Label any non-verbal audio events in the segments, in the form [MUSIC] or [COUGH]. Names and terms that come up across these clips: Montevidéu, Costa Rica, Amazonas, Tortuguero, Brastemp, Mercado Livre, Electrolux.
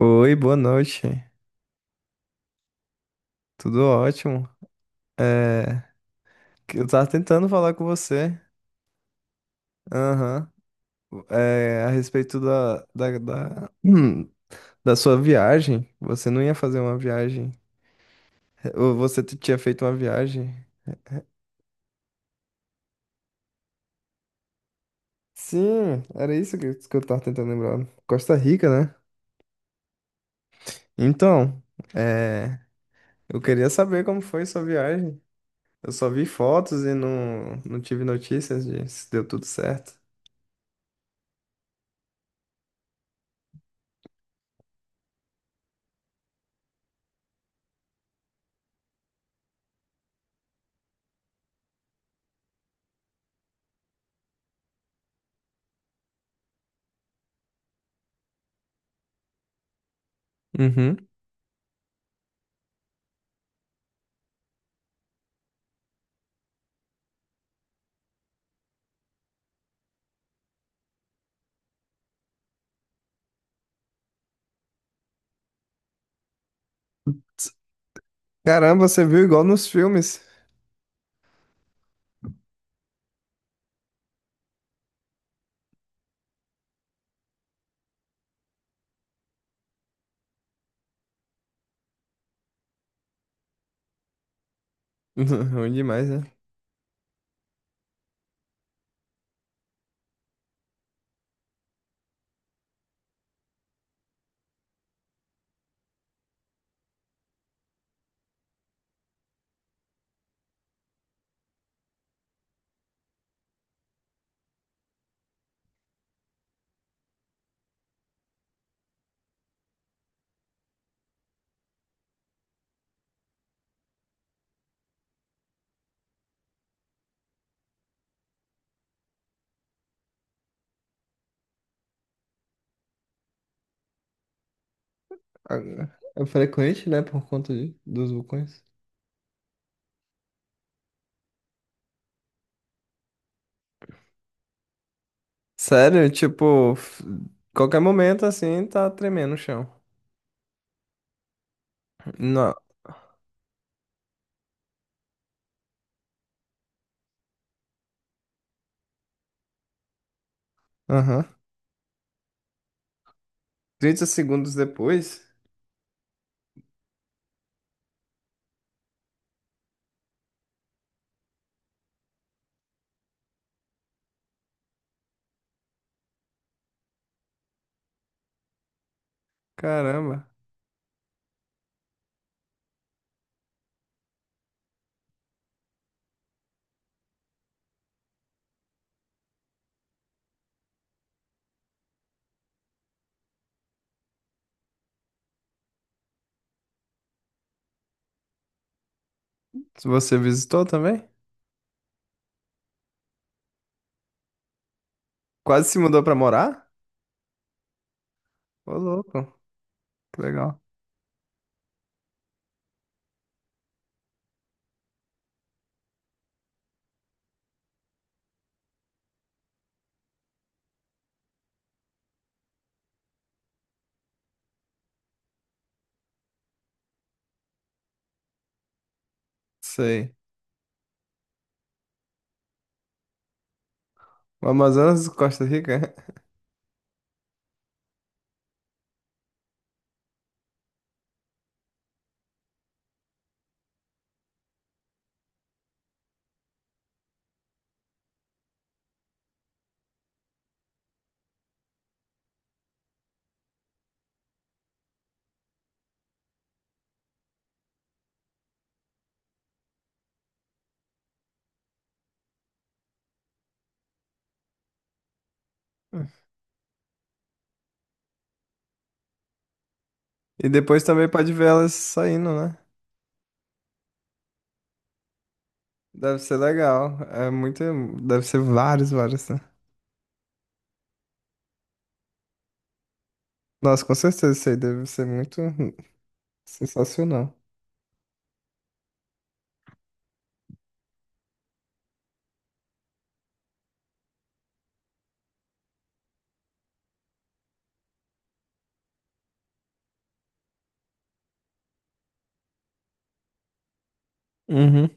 Oi, boa noite. Tudo ótimo. É, que eu tava tentando falar com você, aham. É, a respeito [CLEARS THROAT] da sua viagem. Você não ia fazer uma viagem, ou você tinha feito uma viagem. Sim, era isso que eu tava tentando lembrar. Costa Rica, né? Então, é, eu queria saber como foi sua viagem. Eu só vi fotos e não, não tive notícias de se deu tudo certo. Uhum. Caramba, você viu igual nos filmes. [LAUGHS] Ruim demais, né? Ah, é frequente, né? Por conta dos vulcões. Sério, tipo, qualquer momento assim tá tremendo o chão. Não. Aham. 30 segundos depois? Caramba. Você visitou também? Quase se mudou pra morar? Ô, louco, que legal. Sei. O Amazonas, Costa Rica. [LAUGHS] E depois também pode ver elas saindo, né? Deve ser legal. É muito. Deve ser vários, vários, né? Nossa, com certeza isso aí deve ser muito [LAUGHS] sensacional. Uhum.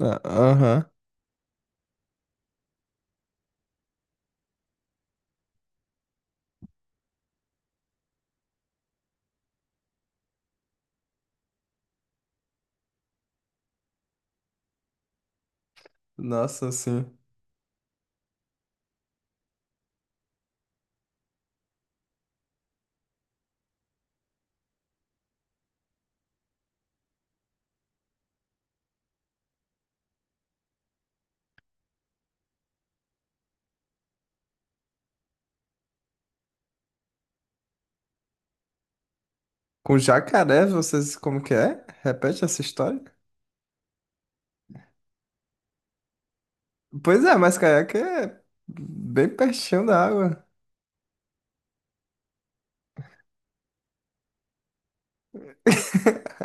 Ah, aham. Nossa, sim. Com jacaré, vocês como que é? Repete essa história? Pois é, mas caiaque é bem pertinho da água. [LAUGHS]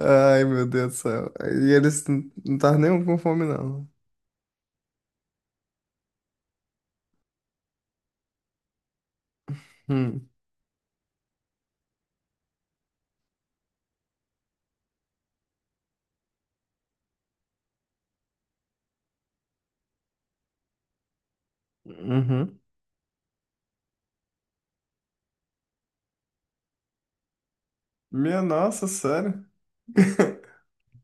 Ai, meu Deus do céu. E eles não estavam nem com fome, não. Hum, uhum. Minha nossa, sério? [LAUGHS]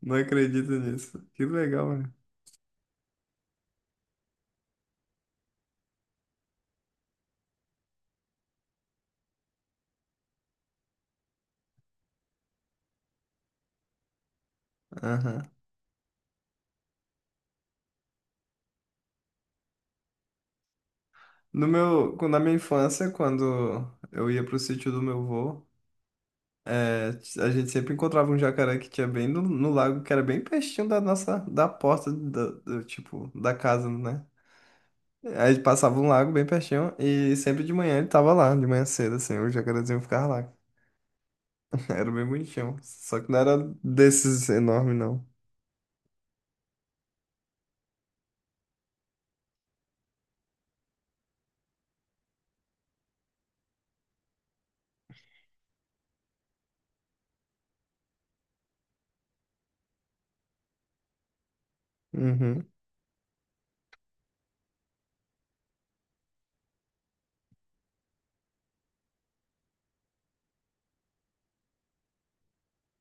Não acredito nisso. Que legal, né? Aham. No meu, quando- Na minha infância, quando eu ia pro sítio do meu avô, é, a gente sempre encontrava um jacaré que tinha bem no lago, que era bem pertinho da nossa, da porta, da, do, tipo, da casa, né? Aí passava um lago bem pertinho e sempre de manhã ele tava lá, de manhã cedo, assim, o jacarezinho ficava lá. Era bem bonitinho. Só que não era desses enormes, não. Uhum,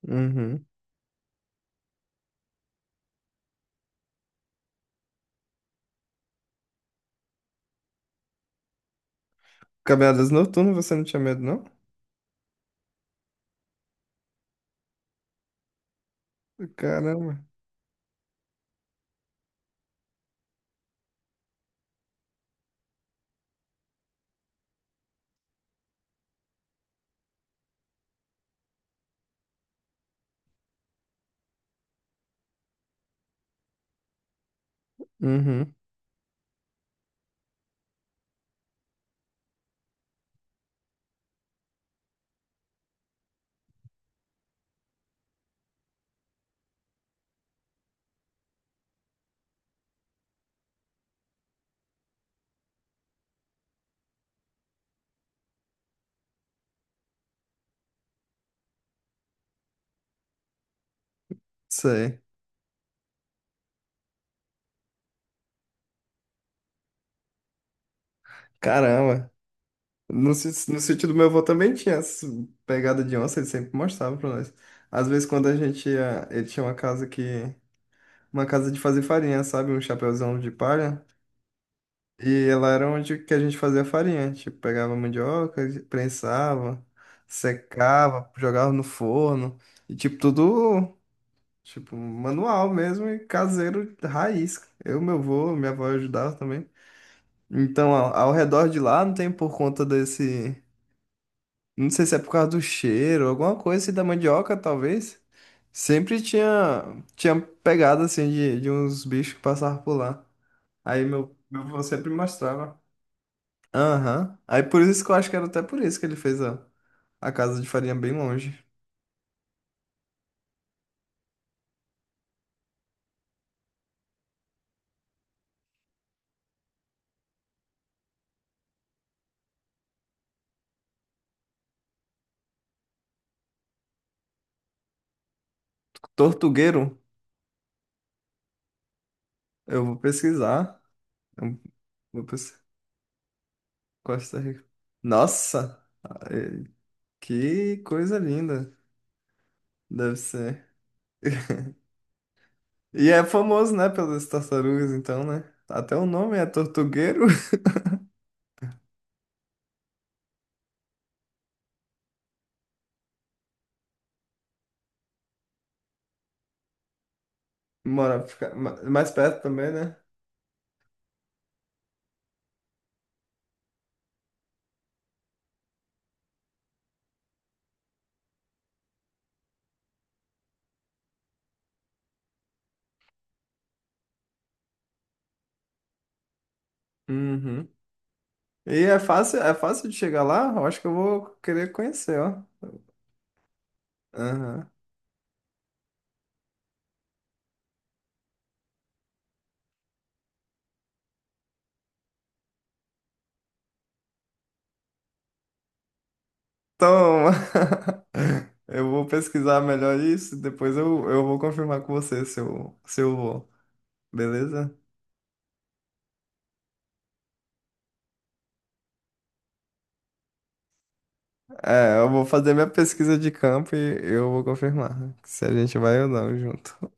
uhum. Caminhadas noturnas, você não tinha medo, não? Caramba. Uhum, sei. Caramba. No sítio do meu avô também tinha essa pegada de onça, ele sempre mostrava pra nós. Às vezes, quando a gente ia, ele tinha uma casa que. Uma casa de fazer farinha, sabe? Um chapéuzão de palha. E ela era onde que a gente fazia farinha. Tipo, pegava mandioca, prensava, secava, jogava no forno. E tipo, tudo, tipo, manual mesmo e caseiro raiz. Eu, meu avô, minha avó ajudava também. Então, ao redor de lá, não tem por conta desse. Não sei se é por causa do cheiro, alguma coisa assim da mandioca, talvez. Sempre tinha pegada, assim, de uns bichos que passavam por lá. Aí meu avô sempre mostrava. Aham. Aí por isso que eu acho que era até por isso que ele fez a casa de farinha bem longe. Tortugueiro, eu vou pesquisar. Eu vou pesquisar. Costa Rica. Nossa, eh, que coisa linda. Deve ser. E é famoso, né, pelas tartarugas, então, né? Até o nome é Tortugueiro. [LAUGHS] Mora mais perto também, né? Uhum. E é fácil de chegar lá? Eu acho que eu vou querer conhecer, ó. Aham. Toma! [LAUGHS] Eu vou pesquisar melhor isso, depois eu vou confirmar com você se eu vou, beleza? É, eu vou fazer minha pesquisa de campo e eu vou confirmar se a gente vai ou não junto.